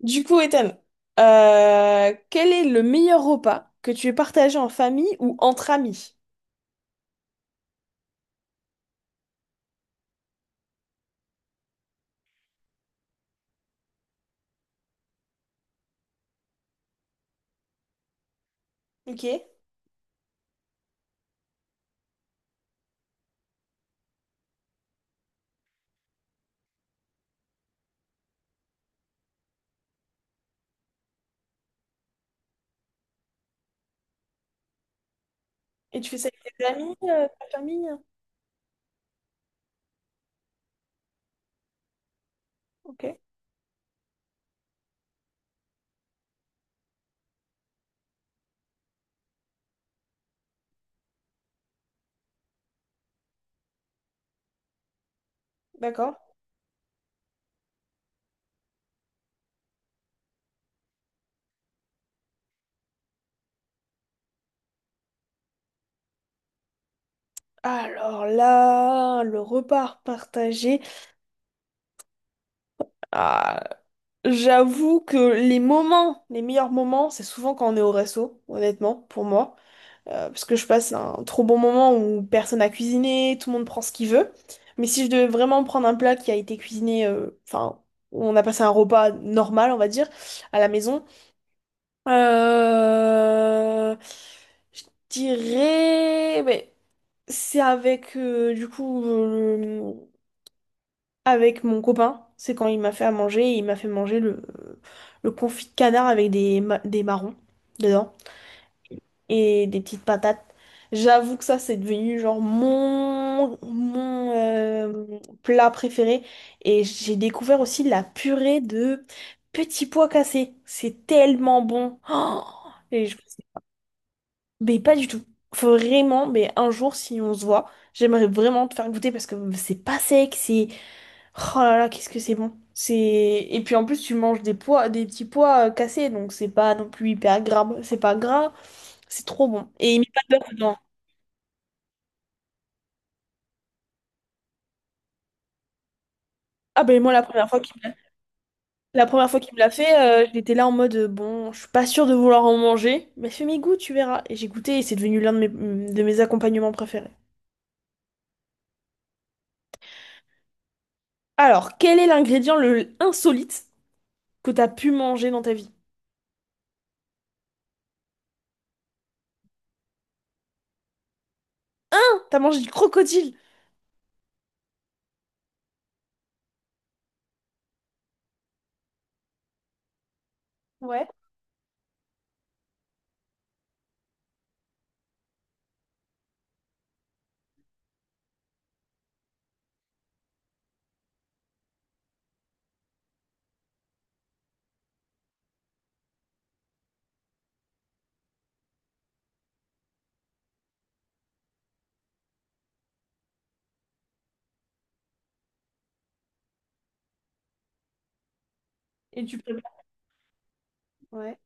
Du coup, Ethan, quel est le meilleur repas que tu aies partagé en famille ou entre amis? Ok. Et tu fais ça avec tes amis, ta famille? Ok, d'accord. Alors là, le repas partagé. Ah, j'avoue que les moments, les meilleurs moments, c'est souvent quand on est au resto, honnêtement, pour moi. Parce que je passe un trop bon moment où personne n'a cuisiné, tout le monde prend ce qu'il veut. Mais si je devais vraiment prendre un plat qui a été cuisiné, enfin, où on a passé un repas normal, on va dire, à la maison, euh, je dirais, mais c'est avec, du coup, avec mon copain. C'est quand il m'a fait à manger, il m'a fait manger le confit de canard avec des marrons dedans. Et des petites patates. J'avoue que ça, c'est devenu genre mon plat préféré. Et j'ai découvert aussi la purée de petits pois cassés. C'est tellement bon. Mais pas du tout. Faut vraiment, mais un jour, si on se voit, j'aimerais vraiment te faire goûter parce que c'est pas sec, c'est. Oh là là, qu'est-ce que c'est bon. C'est. Et puis en plus, tu manges des pois, des petits pois cassés, donc c'est pas non plus hyper gras. C'est pas gras. C'est trop bon. Et il met pas de beurre dedans. Ah ben moi la première fois qu'il me l'a fait, j'étais là en mode bon, je suis pas sûre de vouloir en manger, mais fais mes goûts, tu verras. Et j'ai goûté et c'est devenu l'un de mes accompagnements préférés. Alors, quel est l'ingrédient le insolite que t'as pu manger dans ta vie? T'as mangé du crocodile. Ouais, et tu prépares. Ouais.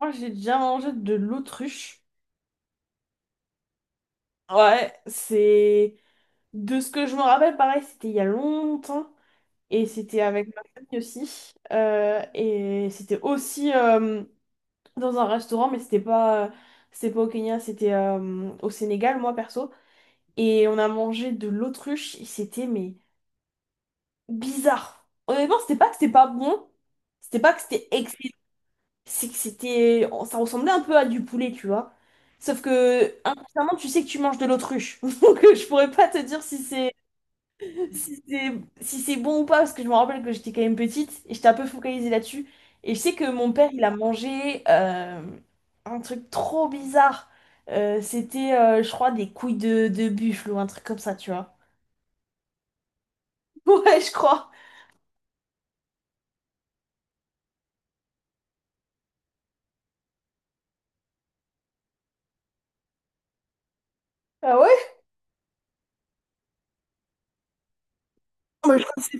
Moi, j'ai déjà mangé de l'autruche. Ouais, c'est. De ce que je me rappelle, pareil, c'était il y a longtemps. Et c'était avec ma famille aussi. Et c'était aussi dans un restaurant, mais c'était pas au Kenya, c'était au Sénégal, moi perso. Et on a mangé de l'autruche et c'était mais bizarre. Honnêtement, c'était pas que c'était pas bon, c'était pas que c'était excellent, c'est que c'était, ça ressemblait un peu à du poulet, tu vois. Sauf que inconsciemment, tu sais que tu manges de l'autruche, donc je pourrais pas te dire si c'est si c'est bon ou pas, parce que je me rappelle que j'étais quand même petite et j'étais un peu focalisée là-dessus. Et je sais que mon père, il a mangé un truc trop bizarre. C'était, je crois, des couilles de buffle ou un truc comme ça, tu vois. Ouais, je crois. Ah ouais? Moi, je sais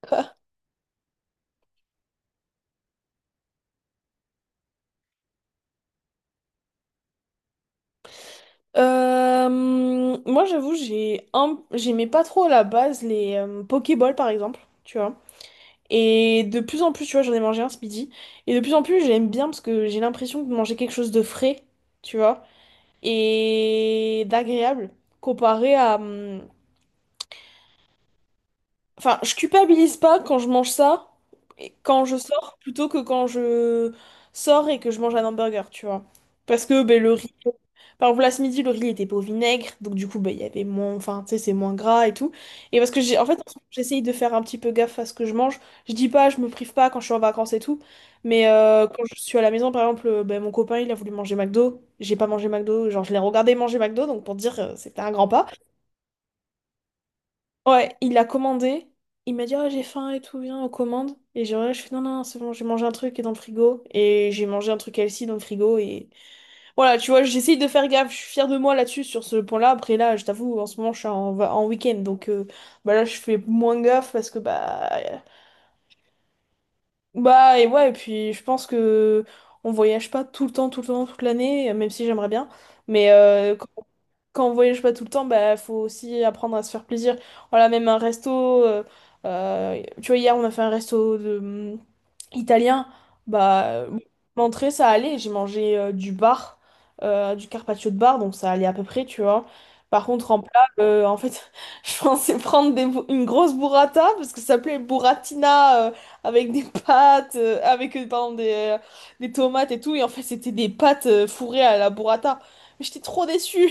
pas. Euh, Moi, j'avoue, j'ai un. J'aimais pas trop à la base les Pokéballs, par exemple. Tu vois. Et de plus en plus, tu vois, j'en ai mangé un ce midi. Et de plus en plus, j'aime bien parce que j'ai l'impression de manger quelque chose de frais, tu vois, et d'agréable comparé à, enfin, je culpabilise pas quand je mange ça, et quand je sors, plutôt que quand je sors et que je mange un hamburger, tu vois. Parce que ben, le riz, par exemple, là ce midi, le riz était pas au vinaigre, donc du coup, ben, il y avait moins, enfin, tu sais, c'est moins gras et tout. Et parce que j'ai, en fait, en ce moment, j'essaye de faire un petit peu gaffe à ce que je mange. Je dis pas, je me prive pas quand je suis en vacances et tout, mais quand je suis à la maison, par exemple, ben, mon copain, il a voulu manger McDo, j'ai pas mangé McDo, genre, je l'ai regardé manger McDo, donc pour dire, c'était un grand pas. Ouais, il a commandé. Il m'a dit, Ah, j'ai faim et tout, viens, on commande. Et genre, là, je fais, non, non, c'est bon, j'ai mangé un truc qui est dans le frigo. Et j'ai mangé un truc LC dans le frigo. Et voilà, tu vois, j'essaye de faire gaffe. Je suis fière de moi là-dessus, sur ce point-là. Après, là, je t'avoue, en ce moment, je suis en week-end. Donc, bah là, je fais moins gaffe parce que, bah. Bah, et ouais, et puis, je pense que on voyage pas tout le temps, tout le temps, toute l'année, même si j'aimerais bien. Mais quand on voyage pas tout le temps, bah faut aussi apprendre à se faire plaisir. Voilà, même un resto. Tu vois, hier on a fait un resto de, italien. Bah, l'entrée ça allait. J'ai mangé du bar, du carpaccio de bar, donc ça allait à peu près, tu vois. Par contre, en plat, en fait, je pensais prendre une grosse burrata parce que ça s'appelait burratina, avec des pâtes, avec pardon, euh, des tomates et tout. Et en fait, c'était des pâtes fourrées à la burrata. Mais j'étais trop déçue.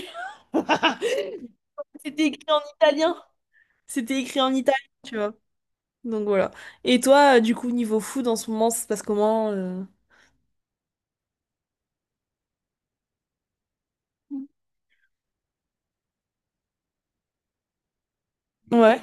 C'était écrit en italien. C'était écrit en italien, tu vois. Donc voilà. Et toi, du coup, niveau food, en ce moment, ça se passe comment? Ouais.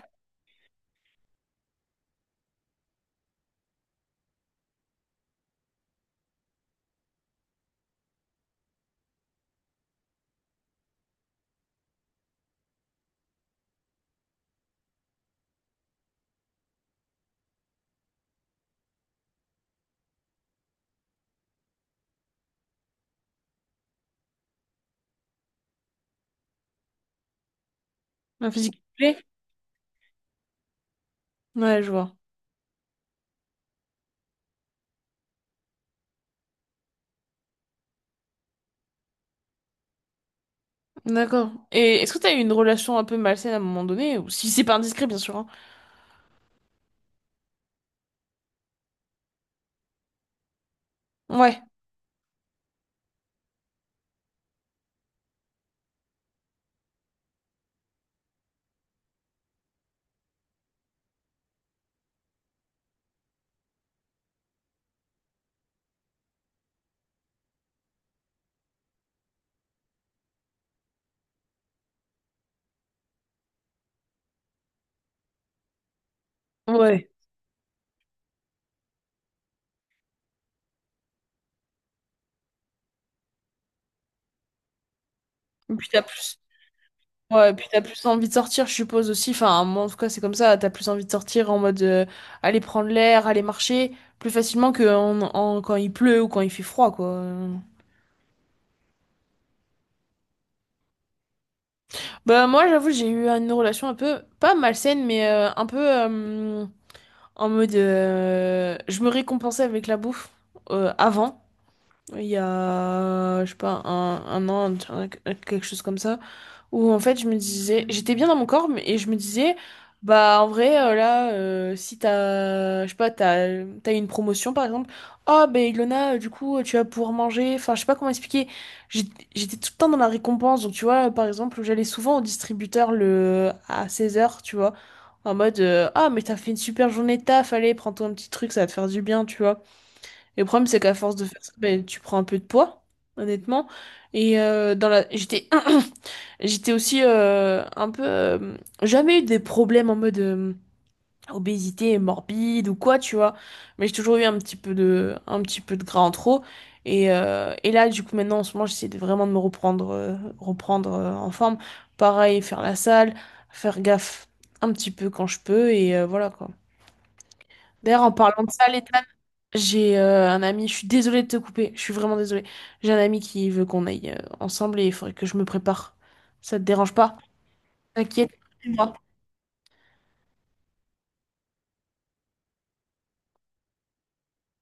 La physique plaît? Ouais, je vois. D'accord. Et est-ce que t'as eu une relation un peu malsaine à un moment donné? Ou si c'est pas indiscret, bien sûr, hein. Ouais. Ouais. Et puis t'as plus. Ouais, et puis t'as plus envie de sortir, je suppose aussi. Enfin, moi, en tout cas, c'est comme ça. T'as plus envie de sortir en mode aller prendre l'air, aller marcher plus facilement que quand il pleut ou quand il fait froid, quoi. Bah moi j'avoue j'ai eu une relation un peu pas malsaine mais un peu en mode je me récompensais avec la bouffe avant il y a je sais pas un an quelque chose comme ça où en fait je me disais, j'étais bien dans mon corps, et je me disais, bah en vrai là, si t'as, je sais pas, t'as une promotion par exemple, oh ben Ilona, du coup tu vas pouvoir manger, enfin je sais pas comment expliquer, J'ai- j'étais tout le temps dans la récompense, donc tu vois, par exemple j'allais souvent au distributeur le à 16 heures tu vois, en mode, ah mais t'as fait une super journée de taf, allez prends-toi un petit truc, ça va te faire du bien, tu vois. Le problème, c'est qu'à force de faire ça, ben, tu prends un peu de poids, honnêtement. Et j'étais aussi un peu, jamais eu des problèmes en mode obésité morbide ou quoi, tu vois. Mais j'ai toujours eu un petit peu de gras en trop. Et là, du coup, maintenant, en ce moment, j'essaie de vraiment de me reprendre en forme. Pareil, faire la salle, faire gaffe un petit peu quand je peux, et voilà quoi. D'ailleurs, en parlant de salle et j'ai un ami, je suis désolée de te couper, je suis vraiment désolée. J'ai un ami qui veut qu'on aille ensemble et il faudrait que je me prépare. Ça te dérange pas? T'inquiète, moi.